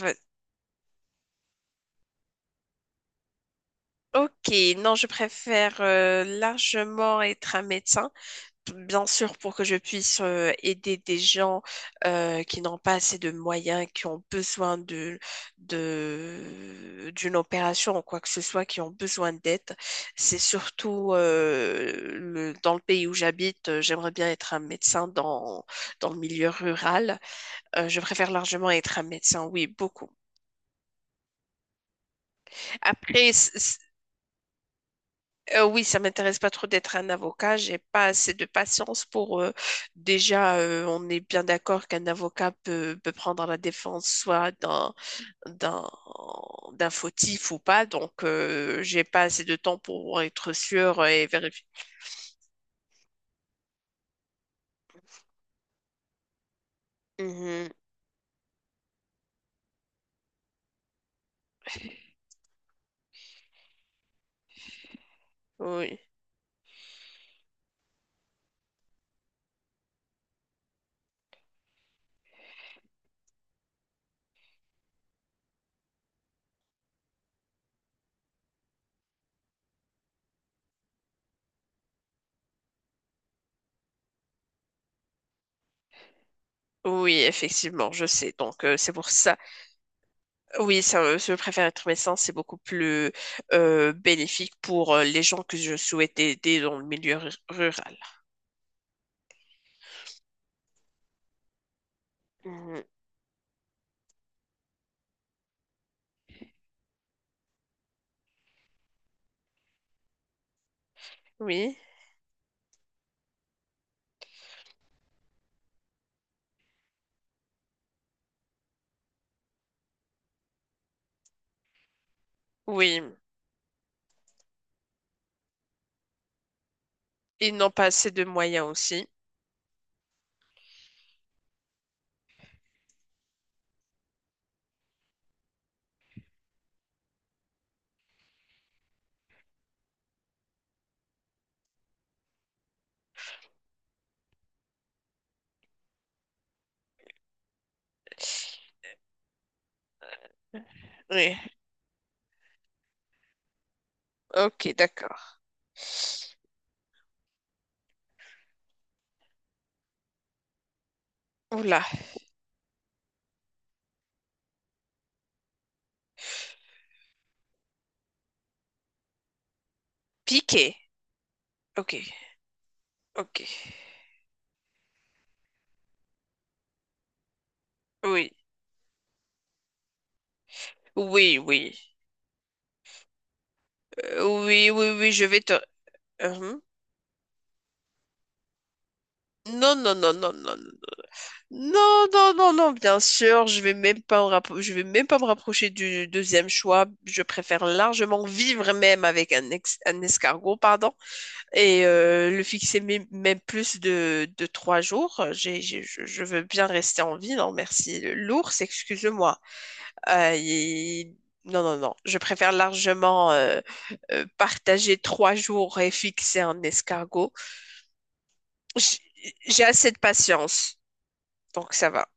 Va- Ok, non, je préfère largement être un médecin, bien sûr pour que je puisse aider des gens qui n'ont pas assez de moyens, qui ont besoin d'une opération ou quoi que ce soit, qui ont besoin d'aide. C'est surtout dans le pays où j'habite, j'aimerais bien être un médecin dans le milieu rural. Je préfère largement être un médecin, oui, beaucoup. Après, c- oui, ça m'intéresse pas trop d'être un avocat. J'ai pas assez de patience pour déjà. Euh, on est bien d'accord qu'un avocat peut prendre la défense soit d'un d'un fautif ou pas. Donc, j'ai pas assez de temps pour être sûr et vérifier. Mhm. Oui. Oui, effectivement, je sais. Donc, c'est pour ça. Oui, je préfère être médecin. C'est beaucoup plus bénéfique pour les gens que je souhaite aider dans le milieu rural. Mhm. Oui, oui. Ils n'ont pas assez de moyens aussi. Oui, ok, d'accord. Oula, piqué. Ok, ok. Oui, oui, oui. Oui, oui, oui. Uhum. Non, non, non, non, non, non. Non, non, non, non, bien sûr, je vais même pas me je vais même pas me rapprocher du deuxième choix. Je préfère largement vivre même avec un escargot, pardon, et le fixer même plus de 3 jours. Je veux bien rester en vie, non merci. L'ours, excuse-moi. Euh, il- Non, non, non. Je préfère largement partager trois jours et fixer un escargot. J- J'ai assez de patience, donc ça va.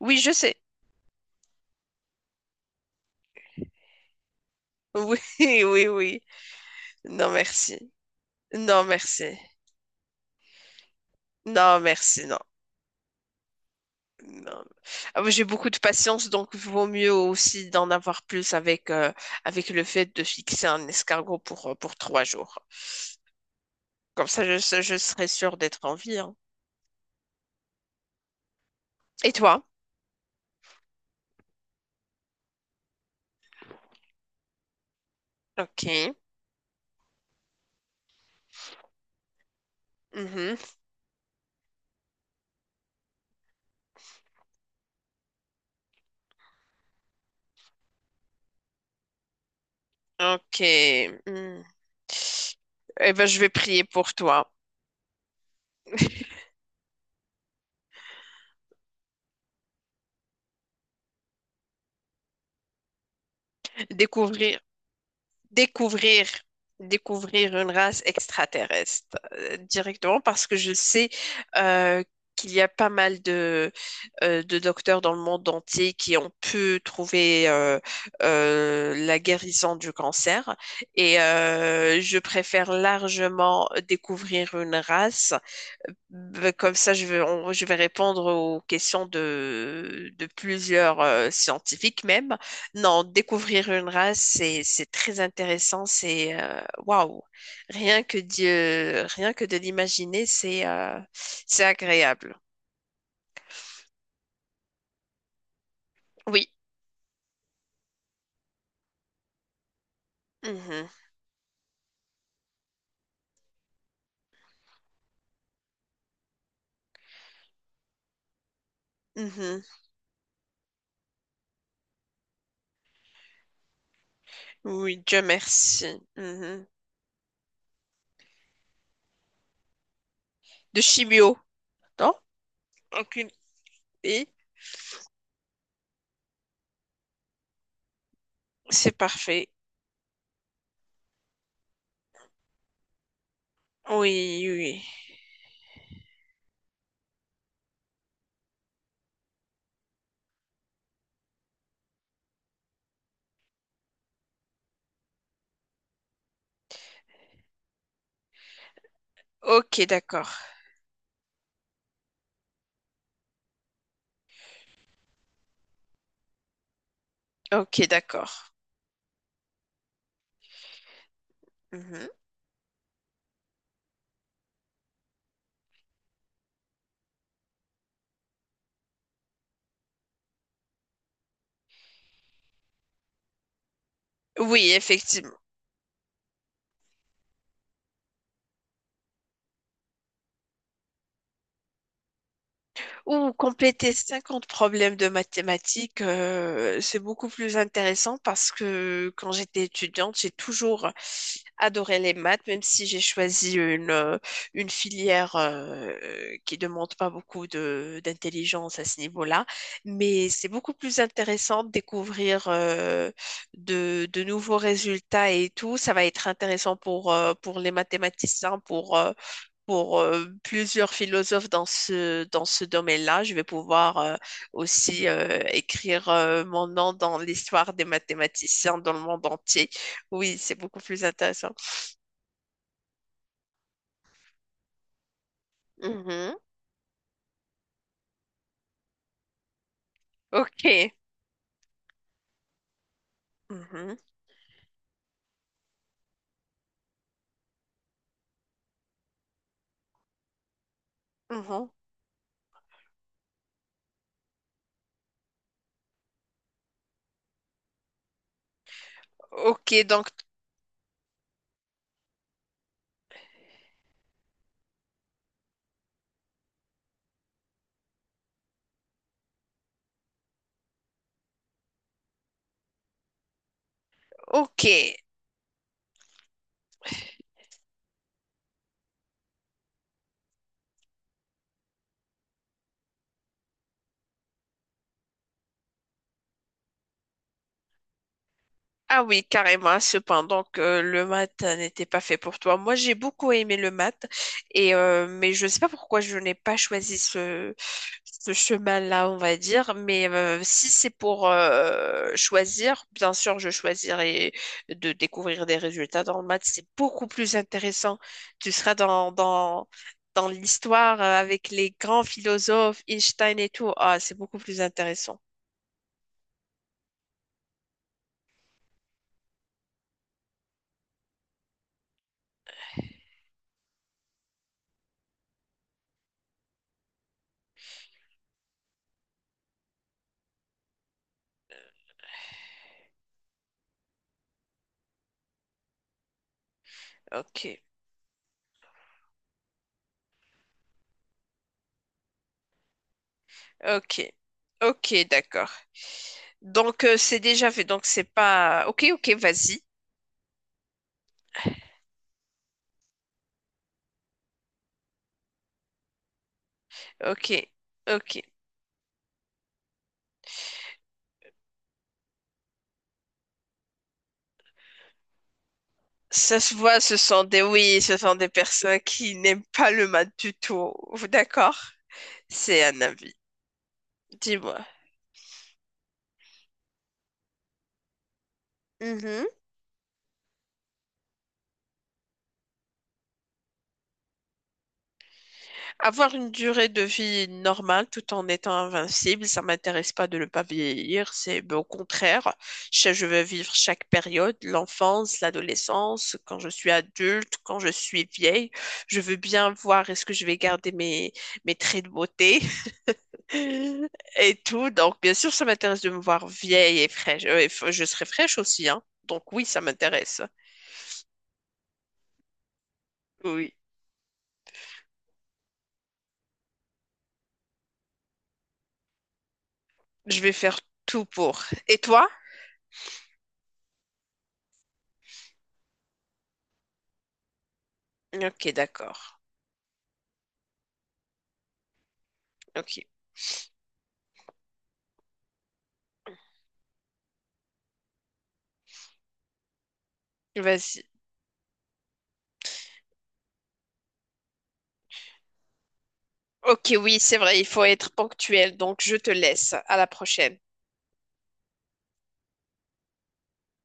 Oui, je sais. Oui, oui, oui. Non, merci. Non, merci. Non, merci, non. Non. Ah, moi, j'ai beaucoup de patience, donc vaut mieux aussi d'en avoir plus avec, avec le fait de fixer un escargot pour 3 jours. Comme ça, je serai sûre d'être en vie, hein. Et toi? Ok. Mhm. Ok. Hmm. Eh ben, je vais prier pour toi. Découvrir. découvrir, Découvrir une race extraterrestre directement parce que je sais euh, qu'il y a pas mal de docteurs dans le monde entier qui ont pu trouver la guérison du cancer. Et je préfère largement découvrir une race. Comme ça, je vais répondre aux questions de plusieurs scientifiques même. Non, découvrir une race, c'est très intéressant. C'est waouh, rien que Dieu, rien que de l'imaginer, c'est agréable. Oui. Mhm. Mhm. Oui, Dieu merci. Mhm. De chimio, non? Aucune. Et c'est parfait. Oui, oui. Ok, d'accord. Ok, d'accord. Mhm. Oui, effectivement. Ou compléter 50 problèmes de mathématiques, c'est beaucoup plus intéressant parce que quand j'étais étudiante, j'ai toujours adoré les maths, même si j'ai choisi une filière qui demande pas beaucoup d'intelligence à ce niveau-là. Mais c'est beaucoup plus intéressant de découvrir de nouveaux résultats et tout. Ça va être intéressant pour les mathématiciens, pour plusieurs philosophes dans dans ce domaine-là. Je vais pouvoir aussi écrire mon nom dans l'histoire des mathématiciens dans le monde entier. Oui, c'est beaucoup plus intéressant. Mhm. OK. Mhm. Mhm. OK, donc, OK. Ah oui, carrément. Cependant que le maths n'était pas fait pour toi. Moi, j'ai beaucoup aimé le maths, et mais je ne sais pas pourquoi je n'ai pas choisi ce chemin-là, on va dire. Mais si c'est pour choisir, bien sûr, je choisirais de découvrir des résultats dans le maths. C'est beaucoup plus intéressant. Tu seras dans l'histoire avec les grands philosophes, Einstein et tout. Ah, c'est beaucoup plus intéressant. Ok, ok, ok, d'accord. Donc, c'est déjà fait. Donc, c'est pas. Ok, ok, vas-y. Ok, ok. Ça se voit, ce sont des. Oui, ce sont des personnes qui n'aiment pas le mat du tout. D'accord? C'est un avis. Dis-moi. Avoir une durée de vie normale tout en étant invincible, ça m'intéresse pas de ne pas vieillir, c'est ben, au contraire, je veux vivre chaque période, l'enfance, l'adolescence, quand je suis adulte, quand je suis vieille, je veux bien voir est-ce que je vais garder mes traits de beauté et tout. Donc bien sûr, ça m'intéresse de me voir vieille et fraîche. Je serai fraîche aussi, hein. Donc oui, ça m'intéresse. Oui, je vais faire tout pour. Et toi? Ok, d'accord. Ok, vas-y. Ok, oui, c'est vrai, il faut être ponctuel, donc je te laisse. À la prochaine.